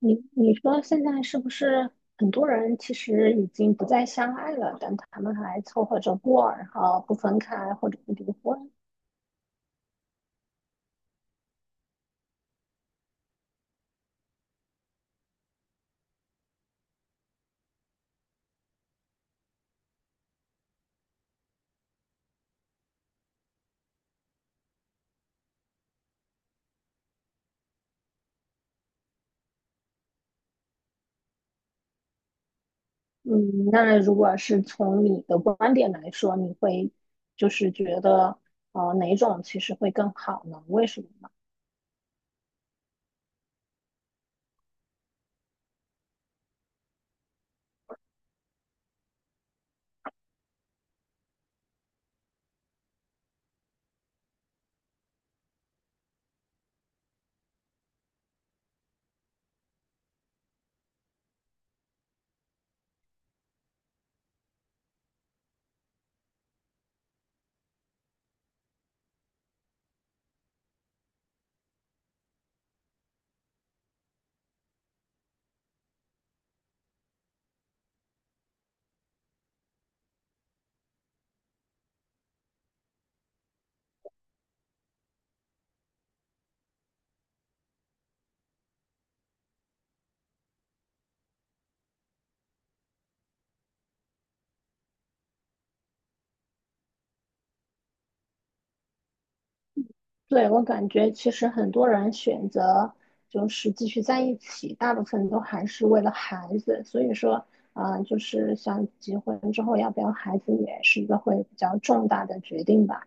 你说现在是不是很多人其实已经不再相爱了，但他们还凑合着过，然后不分开或者不离婚？嗯，那如果是从你的观点来说，你会就是觉得哪种其实会更好呢？为什么呢？对，我感觉其实很多人选择就是继续在一起，大部分都还是为了孩子。所以说，就是想结婚之后要不要孩子，也是一个会比较重大的决定吧。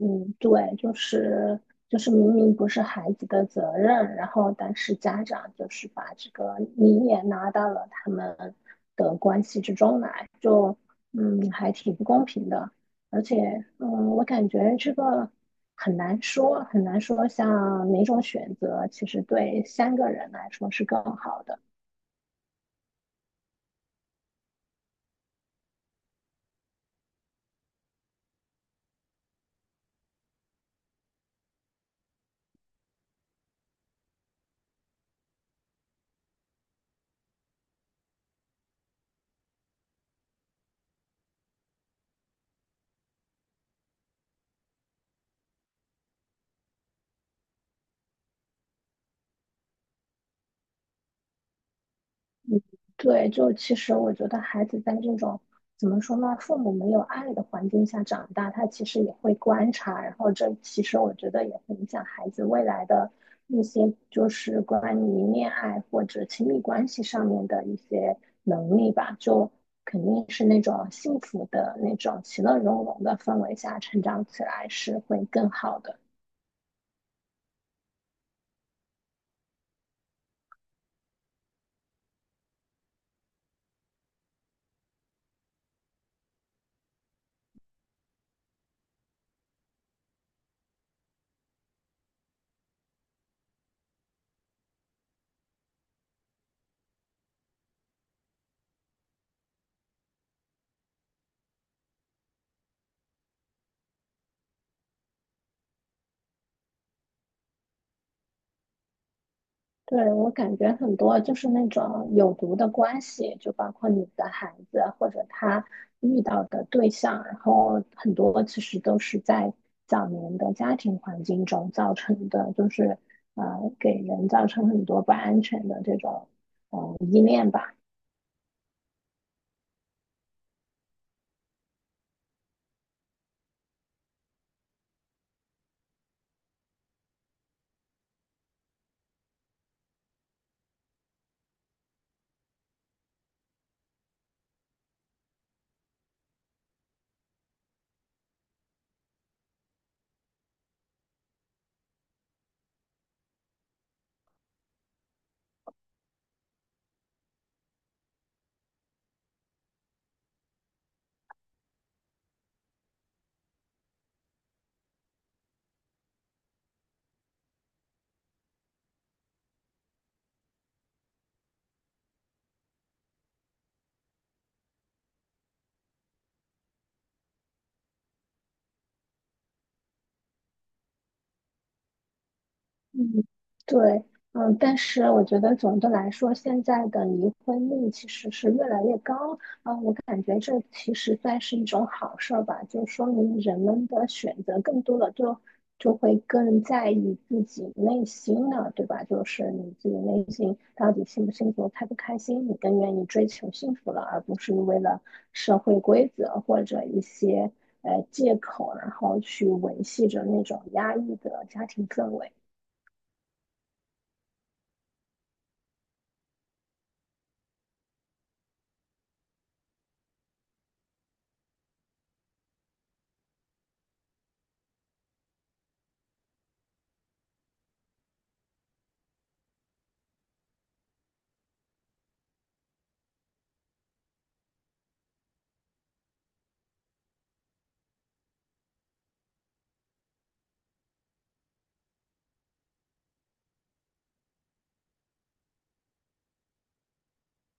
嗯，对，就是明明不是孩子的责任，然后但是家长就是把这个你也拉到了他们的关系之中来，就还挺不公平的。而且嗯，我感觉这个很难说，很难说像哪种选择其实对三个人来说是更好的。对，就其实我觉得孩子在这种怎么说呢，父母没有爱的环境下长大，他其实也会观察，然后这其实我觉得也会影响孩子未来的一些就是关于恋爱或者亲密关系上面的一些能力吧。就肯定是那种幸福的那种其乐融融的氛围下成长起来是会更好的。对，我感觉很多就是那种有毒的关系，就包括你的孩子或者他遇到的对象，然后很多其实都是在早年的家庭环境中造成的，就是呃给人造成很多不安全的这种依恋吧。嗯，对，嗯，但是我觉得总的来说，现在的离婚率其实是越来越高，嗯，我感觉这其实算是一种好事儿吧，就说明人们的选择更多了，就会更在意自己内心了，对吧？就是你自己内心到底幸不幸福、开不开心，你更愿意追求幸福了，而不是为了社会规则或者一些借口，然后去维系着那种压抑的家庭氛围。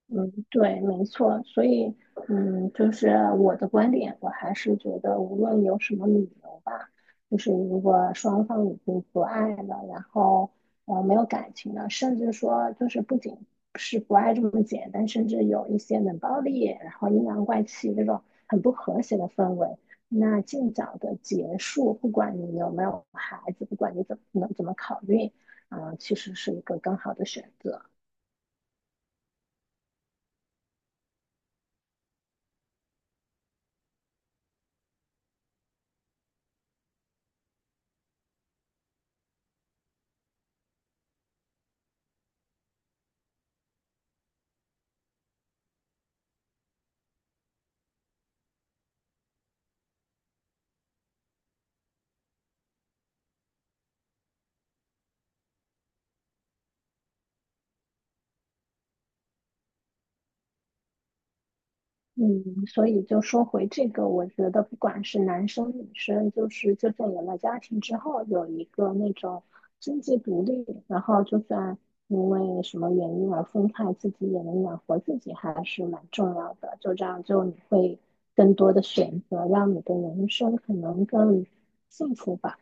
嗯，对，没错，所以，嗯，就是我的观点，我还是觉得，无论有什么理由吧，就是如果双方已经不爱了，然后没有感情了，甚至说就是不仅是不爱这么简单，甚至有一些冷暴力，然后阴阳怪气这种很不和谐的氛围，那尽早的结束，不管你有没有孩子，不管你怎么考虑，其实是一个更好的选择。嗯，所以就说回这个，我觉得不管是男生女生，就是就算有了家庭之后，有一个那种经济独立，然后就算因为什么原因而分开，自己也能养活自己，还是蛮重要的。就这样，就你会更多的选择，让你的人生可能更幸福吧。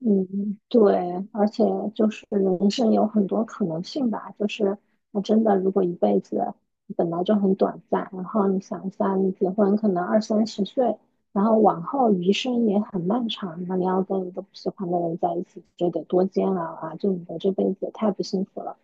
嗯，对，而且就是人生有很多可能性吧，就是那真的，如果一辈子本来就很短暂，然后你想一下，你结婚可能二三十岁，然后往后余生也很漫长，那你要跟一个不喜欢的人在一起，这得多煎熬啊！就你的这辈子也太不幸福了。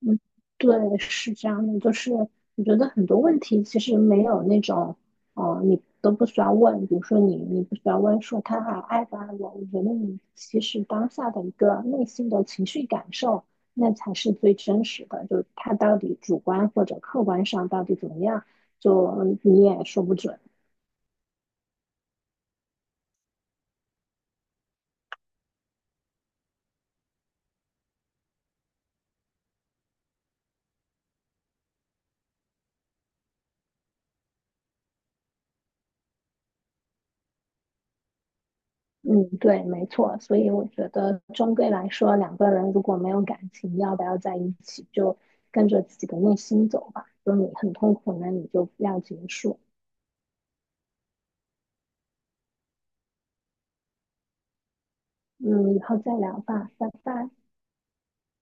嗯，对，是这样的，就是我觉得很多问题其实没有那种，哦、你都不需要问，比如说你不需要问说他还爱不爱我，我觉得你其实当下的一个内心的情绪感受，那才是最真实的，就他到底主观或者客观上到底怎么样，就你也说不准。嗯，对，没错，所以我觉得终归来说，两个人如果没有感情，要不要在一起，就跟着自己的内心走吧。如果你很痛苦那你就不要结束。嗯，以后再聊吧，拜拜。